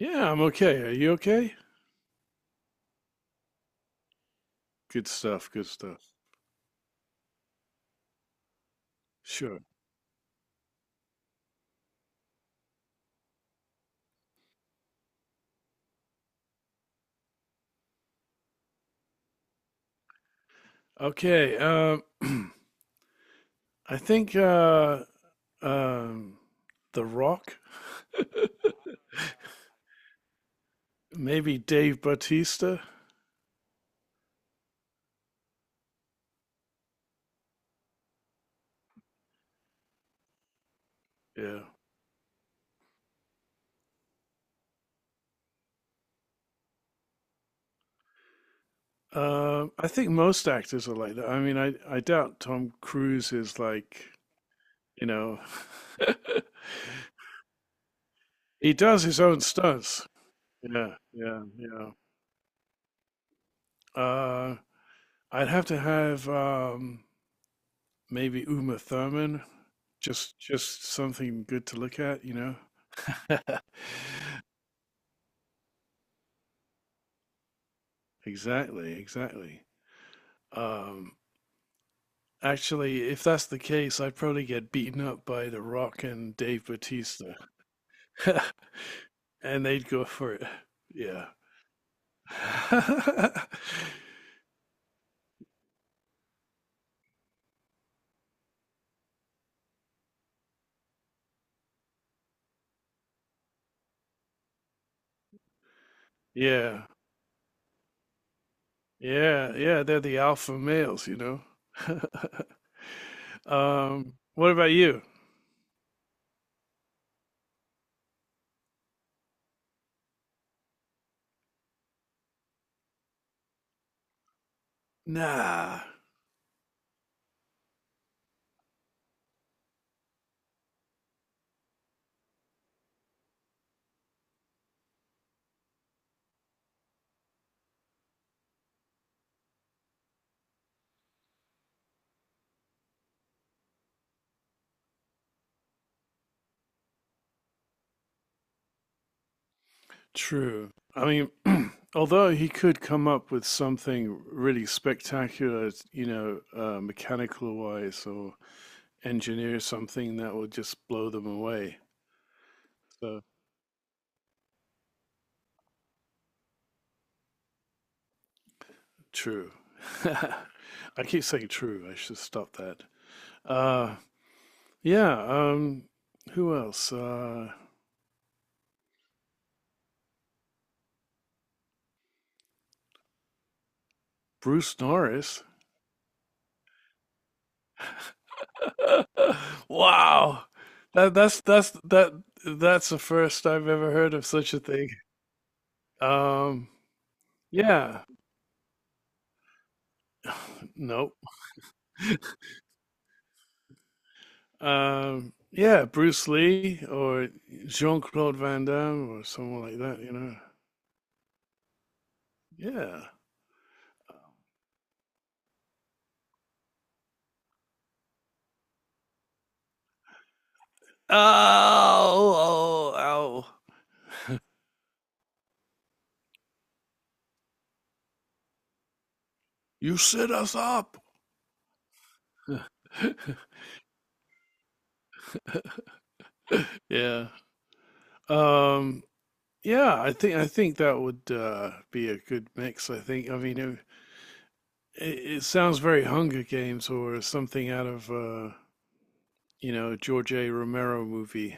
Yeah, I'm okay. Are you okay? Good stuff. Good stuff. Sure. Okay. I think um, The Rock, maybe Dave Bautista. Yeah. I think most actors are like that. I mean, I doubt Tom Cruise is like, you know, he does his own stunts. Yeah, yeah, yeah. Uh, I'd have to have maybe Uma Thurman. Just something good to look at, you know? Exactly, exactly. Um, Actually, if that's the case, I'd probably get beaten up by The Rock and Dave Bautista, and they'd go for it. Yeah. Yeah. Yeah, yeah, they're the alpha males, you know. What about you? Nah. True. I mean, although he could come up with something really spectacular, mechanical wise, or engineer something that will just blow them away. So true. I keep saying true. I should stop that. Uh, yeah. Who else? Bruce Norris. Wow. That that's that's that that's the first I've ever heard of such a thing. Um, yeah. Nope. Yeah, Bruce Lee or Jean Claude Van Damme or someone like that, you know. Yeah. Oh, oh, ow. You set us up. Yeah. Um, yeah, I think that would be a good mix, I think. I mean, it sounds very Hunger Games or something out of you know, George A. Romero movie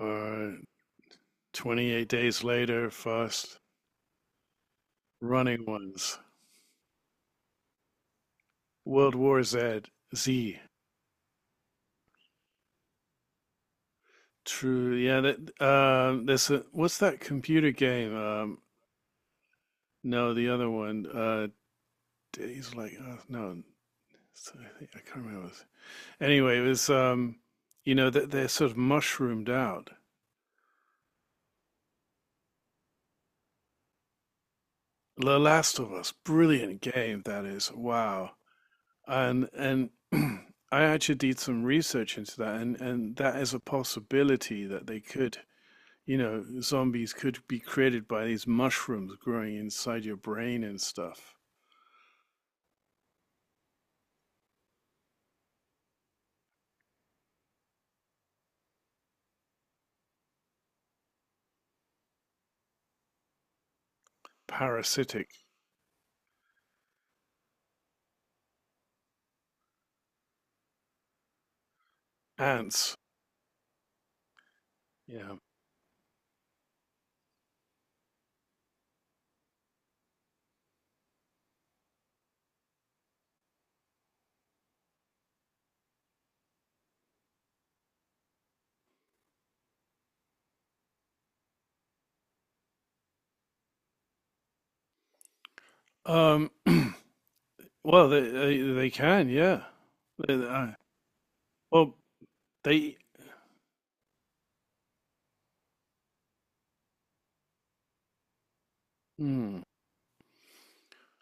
or 28 Days Later, Fast Running Ones. World War Z. Z. True. Yeah. That. There's a. What's that computer game? No, the other one. He's like. Oh, no. it's- I can't remember. Anyway, it was. You know that they're sort of mushroomed out. The Last of Us. Brilliant game that is. Wow. And and. I actually did some research into that, and that is a possibility that they could you know, zombies could be created by these mushrooms growing inside your brain and stuff. Parasitic ants. Yeah. Um. Well, they can. Yeah. They- they- uh, well, they. Mm,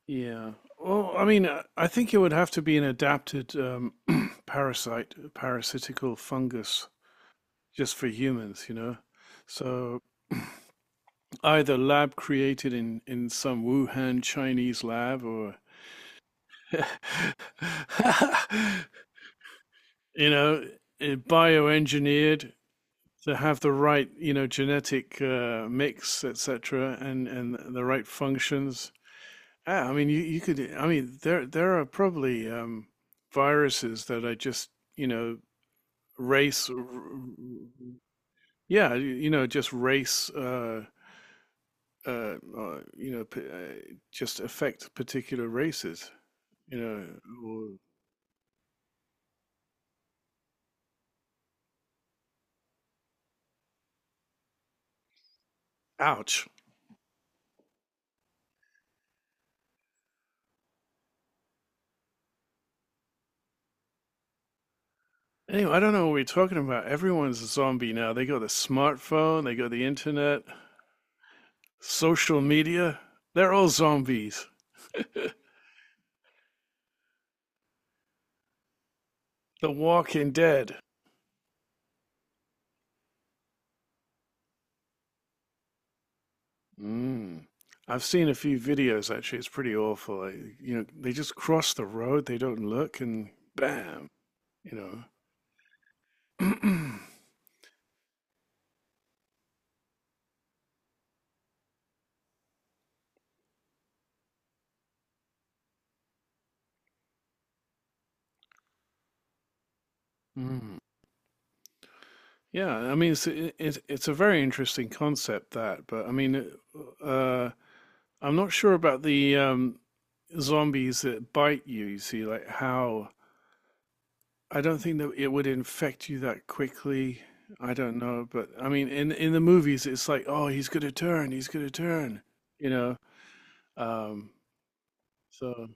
yeah. Well, I mean, I think it would have to be an adapted parasite, parasitical fungus, just for humans. You know. So either lab created in some Wuhan Chinese lab or you know, bioengineered to have the right, you know, genetic mix, etc., and the right functions. I mean, you could. I mean, there are probably viruses that are just, you know, race. Yeah, you know, just race. You know, just affect particular races. You know, or ouch. Anyway, I don't know what we're talking about. Everyone's a zombie now. They go the smartphone, they go the internet, social media. They're all zombies. The Walking Dead. Mm. I've seen a few videos actually. It's pretty awful. Like, you know, they just cross the road. They don't look, and bam. You know. Mm. Yeah, I mean, it's a very interesting concept that, but I mean, uh, I'm not sure about the zombies that bite you. You see, like how I don't think that it would infect you that quickly. I don't know, but I mean, in the movies, it's like, oh, he's gonna turn, you know. Um, so,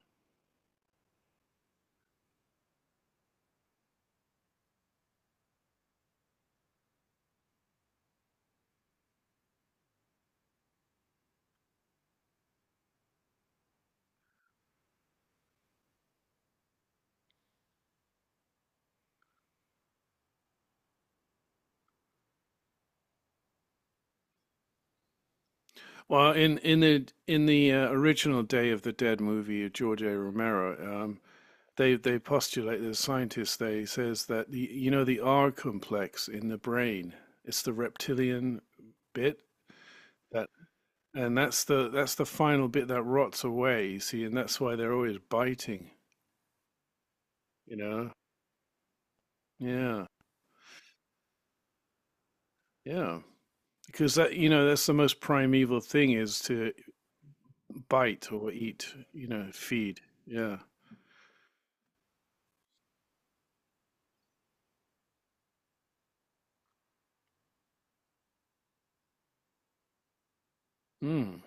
well, in the original Day of the Dead movie, of George A. Romero, they postulate the scientist. They says that the you know the R complex in the brain, it's the reptilian bit that, and that's the final bit that rots away. You see, and that's why they're always biting. You know, Yeah, yeah. Because that, you know, that's the most primeval thing is to bite or eat, you know, feed. Yeah. Mm.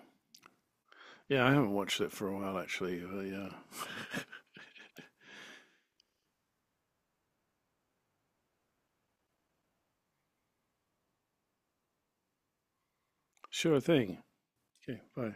Yeah, I haven't watched it for a while actually, but yeah. Sure thing. Okay, bye.